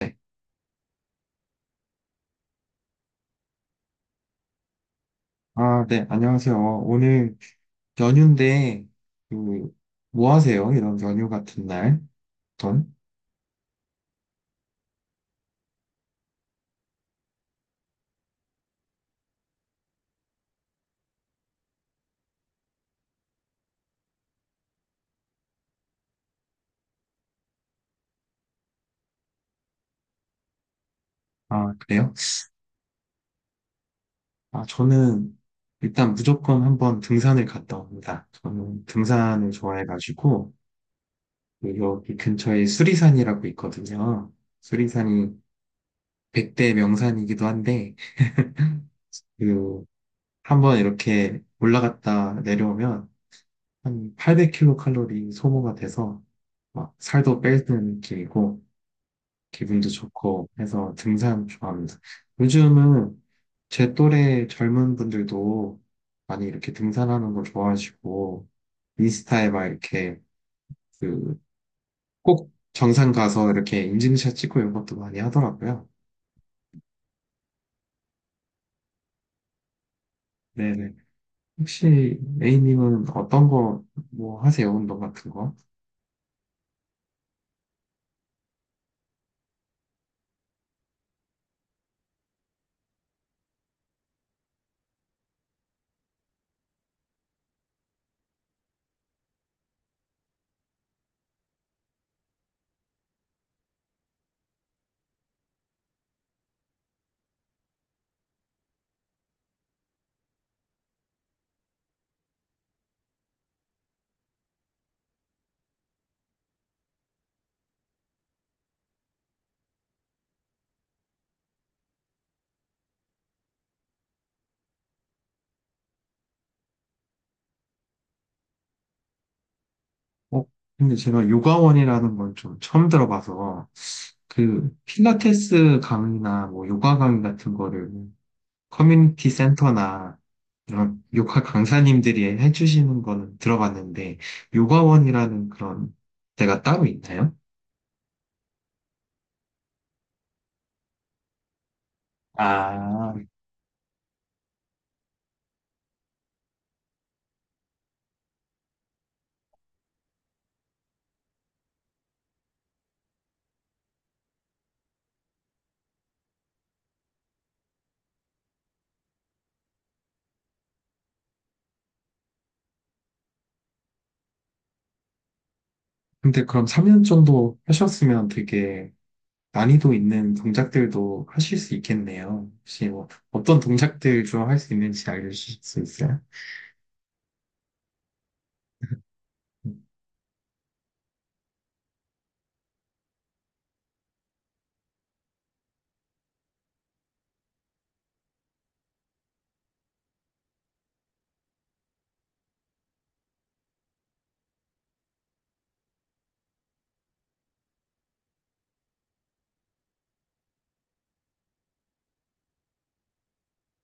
네. 아, 네, 안녕하세요. 오늘 연휴인데, 그, 뭐 하세요? 이런 연휴 같은 날. 어떤? 아, 그래요? 아, 저는 일단 무조건 한번 등산을 갔다 옵니다. 저는 등산을 좋아해가지고, 그 여기 근처에 수리산이라고 있거든요. 수리산이 100대 명산이기도 한데, 그, 한번 이렇게 올라갔다 내려오면 한 800kcal 소모가 돼서 막 살도 빼는 길이고, 기분도 좋고 해서 등산 좋아합니다. 요즘은 제 또래 젊은 분들도 많이 이렇게 등산하는 걸 좋아하시고 인스타에 막 이렇게 그 꼭 정상 가서 이렇게 인증샷 찍고 이런 것도 많이 하더라고요. 네네. 혹시 A님은 어떤 거 뭐 하세요? 운동 같은 거? 어, 근데 제가 요가원이라는 건 좀 처음 들어봐서 그 필라테스 강의나 뭐 요가 강의 같은 거를 커뮤니티 센터나 이런 요가 강사님들이 해주시는 거는 들어봤는데, 요가원이라는 그런 데가 따로 있나요? 아, 근데 그럼 3년 정도 하셨으면 되게 난이도 있는 동작들도 하실 수 있겠네요. 혹시 뭐 어떤 동작들 좀 할 수 있는지 알려주실 수 있어요?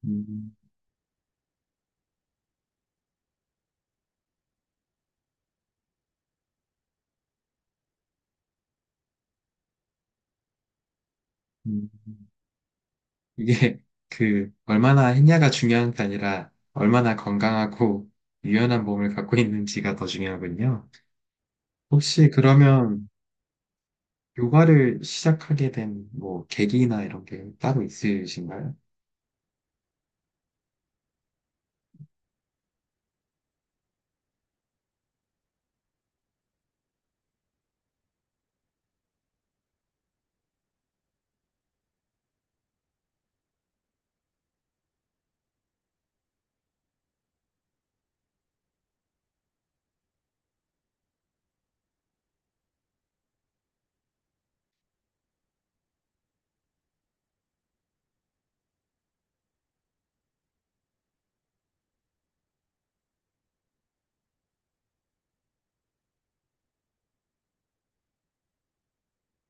음, 음. 이게 얼마나 했냐가 중요한 게 아니라 얼마나 건강하고 유연한 몸을 갖고 있는지가 더 중요하군요. 혹시 그러면 요가를 시작하게 된 뭐 계기나 이런 게 따로 있으신가요?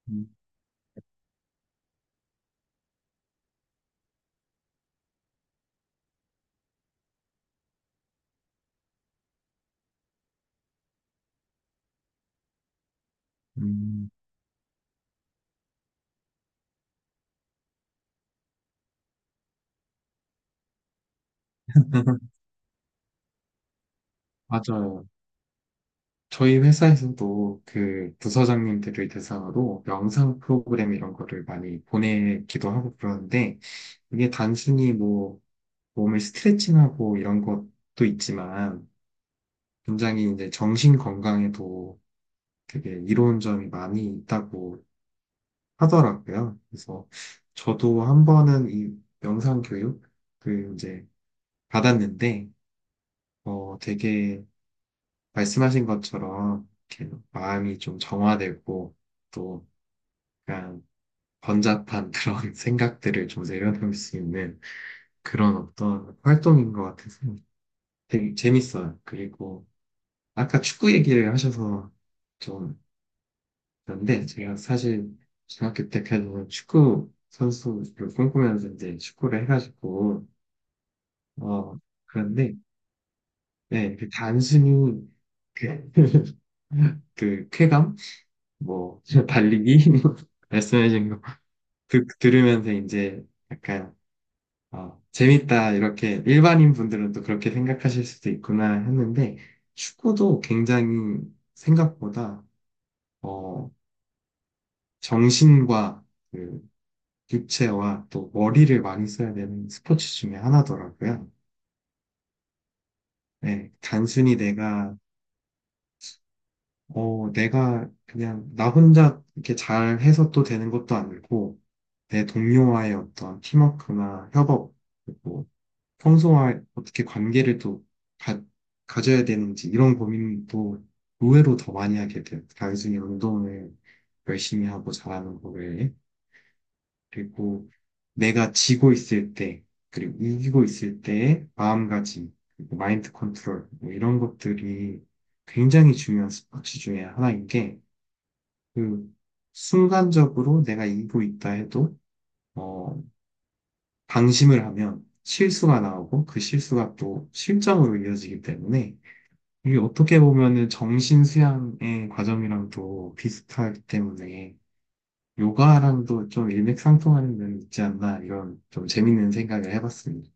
음, 음. 맞아요. 저희 회사에서도 그 부서장님들을 대상으로 명상 프로그램 이런 거를 많이 보내기도 하고 그러는데 이게 단순히 뭐 몸을 스트레칭하고 이런 것도 있지만 굉장히 이제 정신 건강에도 되게 이로운 점이 많이 있다고 하더라고요. 그래서 저도 한 번은 이 명상 교육 이제 받았는데 되게 말씀하신 것처럼 이렇게 마음이 좀 정화되고 또 약간 번잡한 그런 생각들을 좀 내려놓을 수 있는 그런 어떤 활동인 것 같아서 되게 재밌어요. 그리고 아까 축구 얘기를 하셔서 좀 그런데 제가 사실 중학교 때까지는 축구 선수를 꿈꾸면서 이제 축구를 해가지고 어, 그런데, 네, 단순히, 그, 그 쾌감? 뭐, 달리기? 말씀해주신 거 들으면서 이제 약간, 재밌다, 이렇게 일반인 분들은 또 그렇게 생각하실 수도 있구나 했는데, 축구도 굉장히 생각보다, 어, 정신과 그 육체와 또 머리를 많이 써야 되는 스포츠 중에 하나더라고요. 네, 단순히 내가 그냥 나 혼자 이렇게 잘 해서 또 되는 것도 아니고, 내 동료와의 어떤 팀워크나 협업, 그리고 평소와 어떻게 관계를 또 가, 가져야 되는지 이런 고민도 의외로 더 많이 하게 돼요. 단순히 운동을 열심히 하고 잘하는 거 외에. 그리고 내가 지고 있을 때, 그리고 이기고 있을 때의 마음가짐, 그리고 마인드 컨트롤, 뭐 이런 것들이 굉장히 중요한 스포츠 중에 하나인 게, 그 순간적으로 내가 일고 있다 해도 어, 방심을 하면 실수가 나오고 그 실수가 또 실점으로 이어지기 때문에 이게 어떻게 보면은 정신 수양의 과정이랑도 비슷하기 때문에 요가랑도 좀 일맥상통하는 면이 있지 않나 이런 좀 재밌는 생각을 해봤습니다.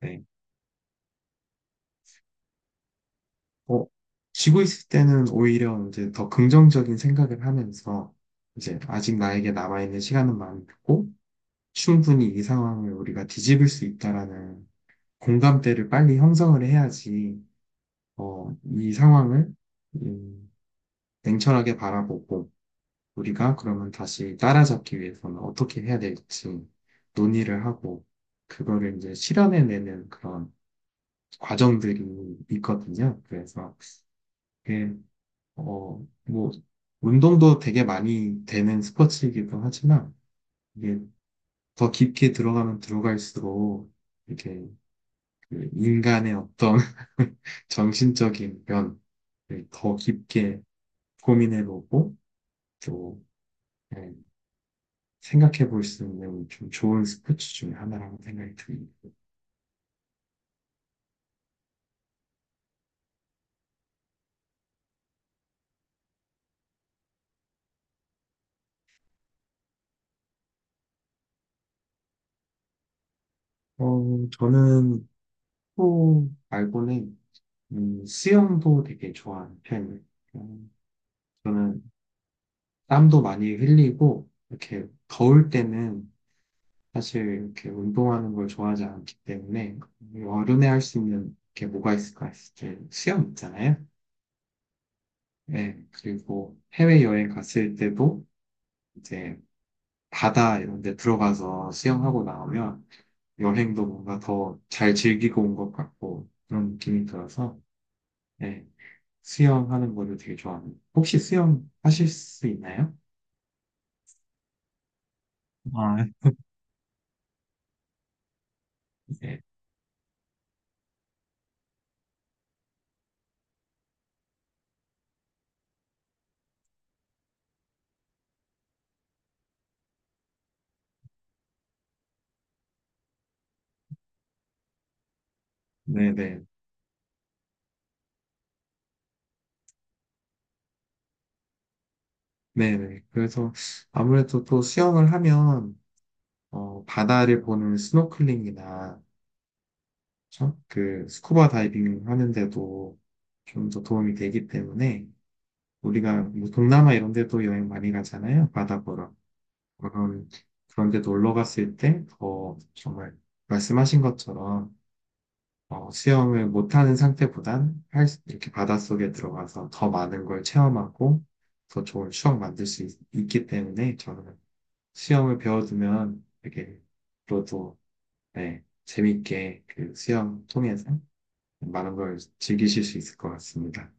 네. 어, 쉬고 있을 때는 오히려 이제 더 긍정적인 생각을 하면서 이제 아직 나에게 남아있는 시간은 많고 충분히 이 상황을 우리가 뒤집을 수 있다라는 공감대를 빨리 형성을 해야지, 이 상황을, 음, 냉철하게 바라보고, 우리가 그러면 다시 따라잡기 위해서는 어떻게 해야 될지 논의를 하고, 그거를 이제 실현해내는 그런 과정들이 있거든요. 그래서 그게, 뭐, 운동도 되게 많이 되는 스포츠이기도 하지만, 이게 더 깊게 들어가면 들어갈수록, 이렇게 그 인간의 어떤 정신적인 면을 더 깊게 고민해보고 또 예, 생각해볼 수 있는 좀 좋은 스포츠 중에 하나라고 생각이 듭니다. 저는 또 말고는 수영도 되게 좋아하는 편이에요. 음, 저는 땀도 많이 흘리고 이렇게 더울 때는 사실 이렇게 운동하는 걸 좋아하지 않기 때문에 여름에 할 수 있는 게 뭐가 있을까 했을 때 수영 있잖아요. 네, 그리고 해외여행 갔을 때도 이제 바다 이런 데 들어가서 수영하고 나오면 여행도 뭔가 더 잘 즐기고 온 것 같고 그런 느낌이 들어서 네, 수영하는 거를 되게 좋아합니다. 혹시 수영 하실 수 있나요? 아, 네, 네네. 네네. 그래서 아무래도 또 수영을 하면, 바다를 보는 스노클링이나, 그쵸? 스쿠버 다이빙 하는데도 좀 더 도움이 되기 때문에, 우리가 뭐 동남아 이런 데도 여행 많이 가잖아요. 바다 보러. 그런, 그런 데 놀러 갔을 때 더 정말 말씀하신 것처럼 수영을 못하는 상태보단 이렇게 바닷속에 들어가서 더 많은 걸 체험하고 더 좋은 추억 만들 수 있, 기 때문에 저는 수영을 배워두면 되게 앞으로도 네, 재밌게 그 수영 통해서 많은 걸 즐기실 수 있을 것 같습니다.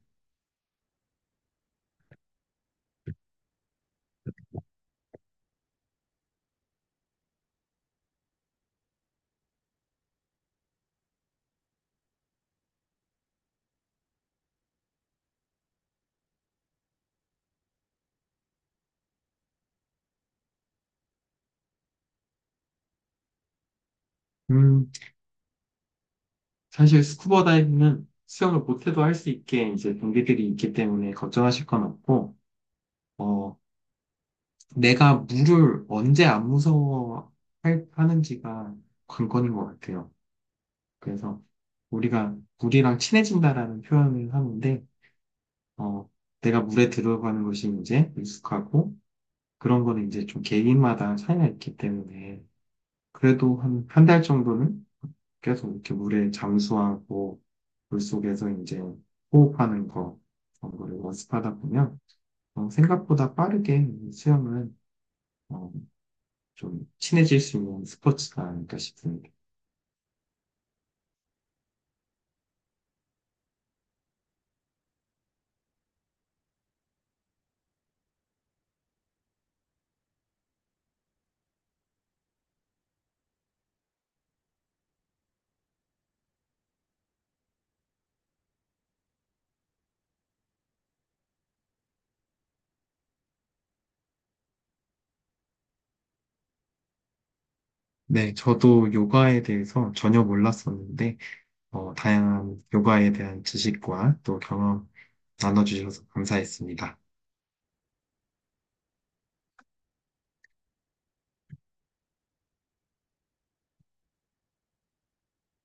음, 사실 스쿠버 다이빙은 수영을 못해도 할 수 있게 이제 동기들이 있기 때문에 걱정하실 건 없고, 어, 내가 물을 언제 안 무서워 하는지가 관건인 것 같아요. 그래서 우리가 물이랑 친해진다라는 표현을 하는데, 어, 내가 물에 들어가는 것이 이제 익숙하고, 그런 거는 이제 좀 개인마다 차이가 있기 때문에, 그래도 한 한 달 정도는 계속 이렇게 물에 잠수하고 물속에서 이제 호흡하는 거 정도를 연습하다 보면 생각보다 빠르게 수영은 어, 좀 친해질 수 있는 스포츠가 아닐까 싶습니다. 네, 저도 요가에 대해서 전혀 몰랐었는데 다양한 요가에 대한 지식과 또 경험 나눠주셔서 감사했습니다.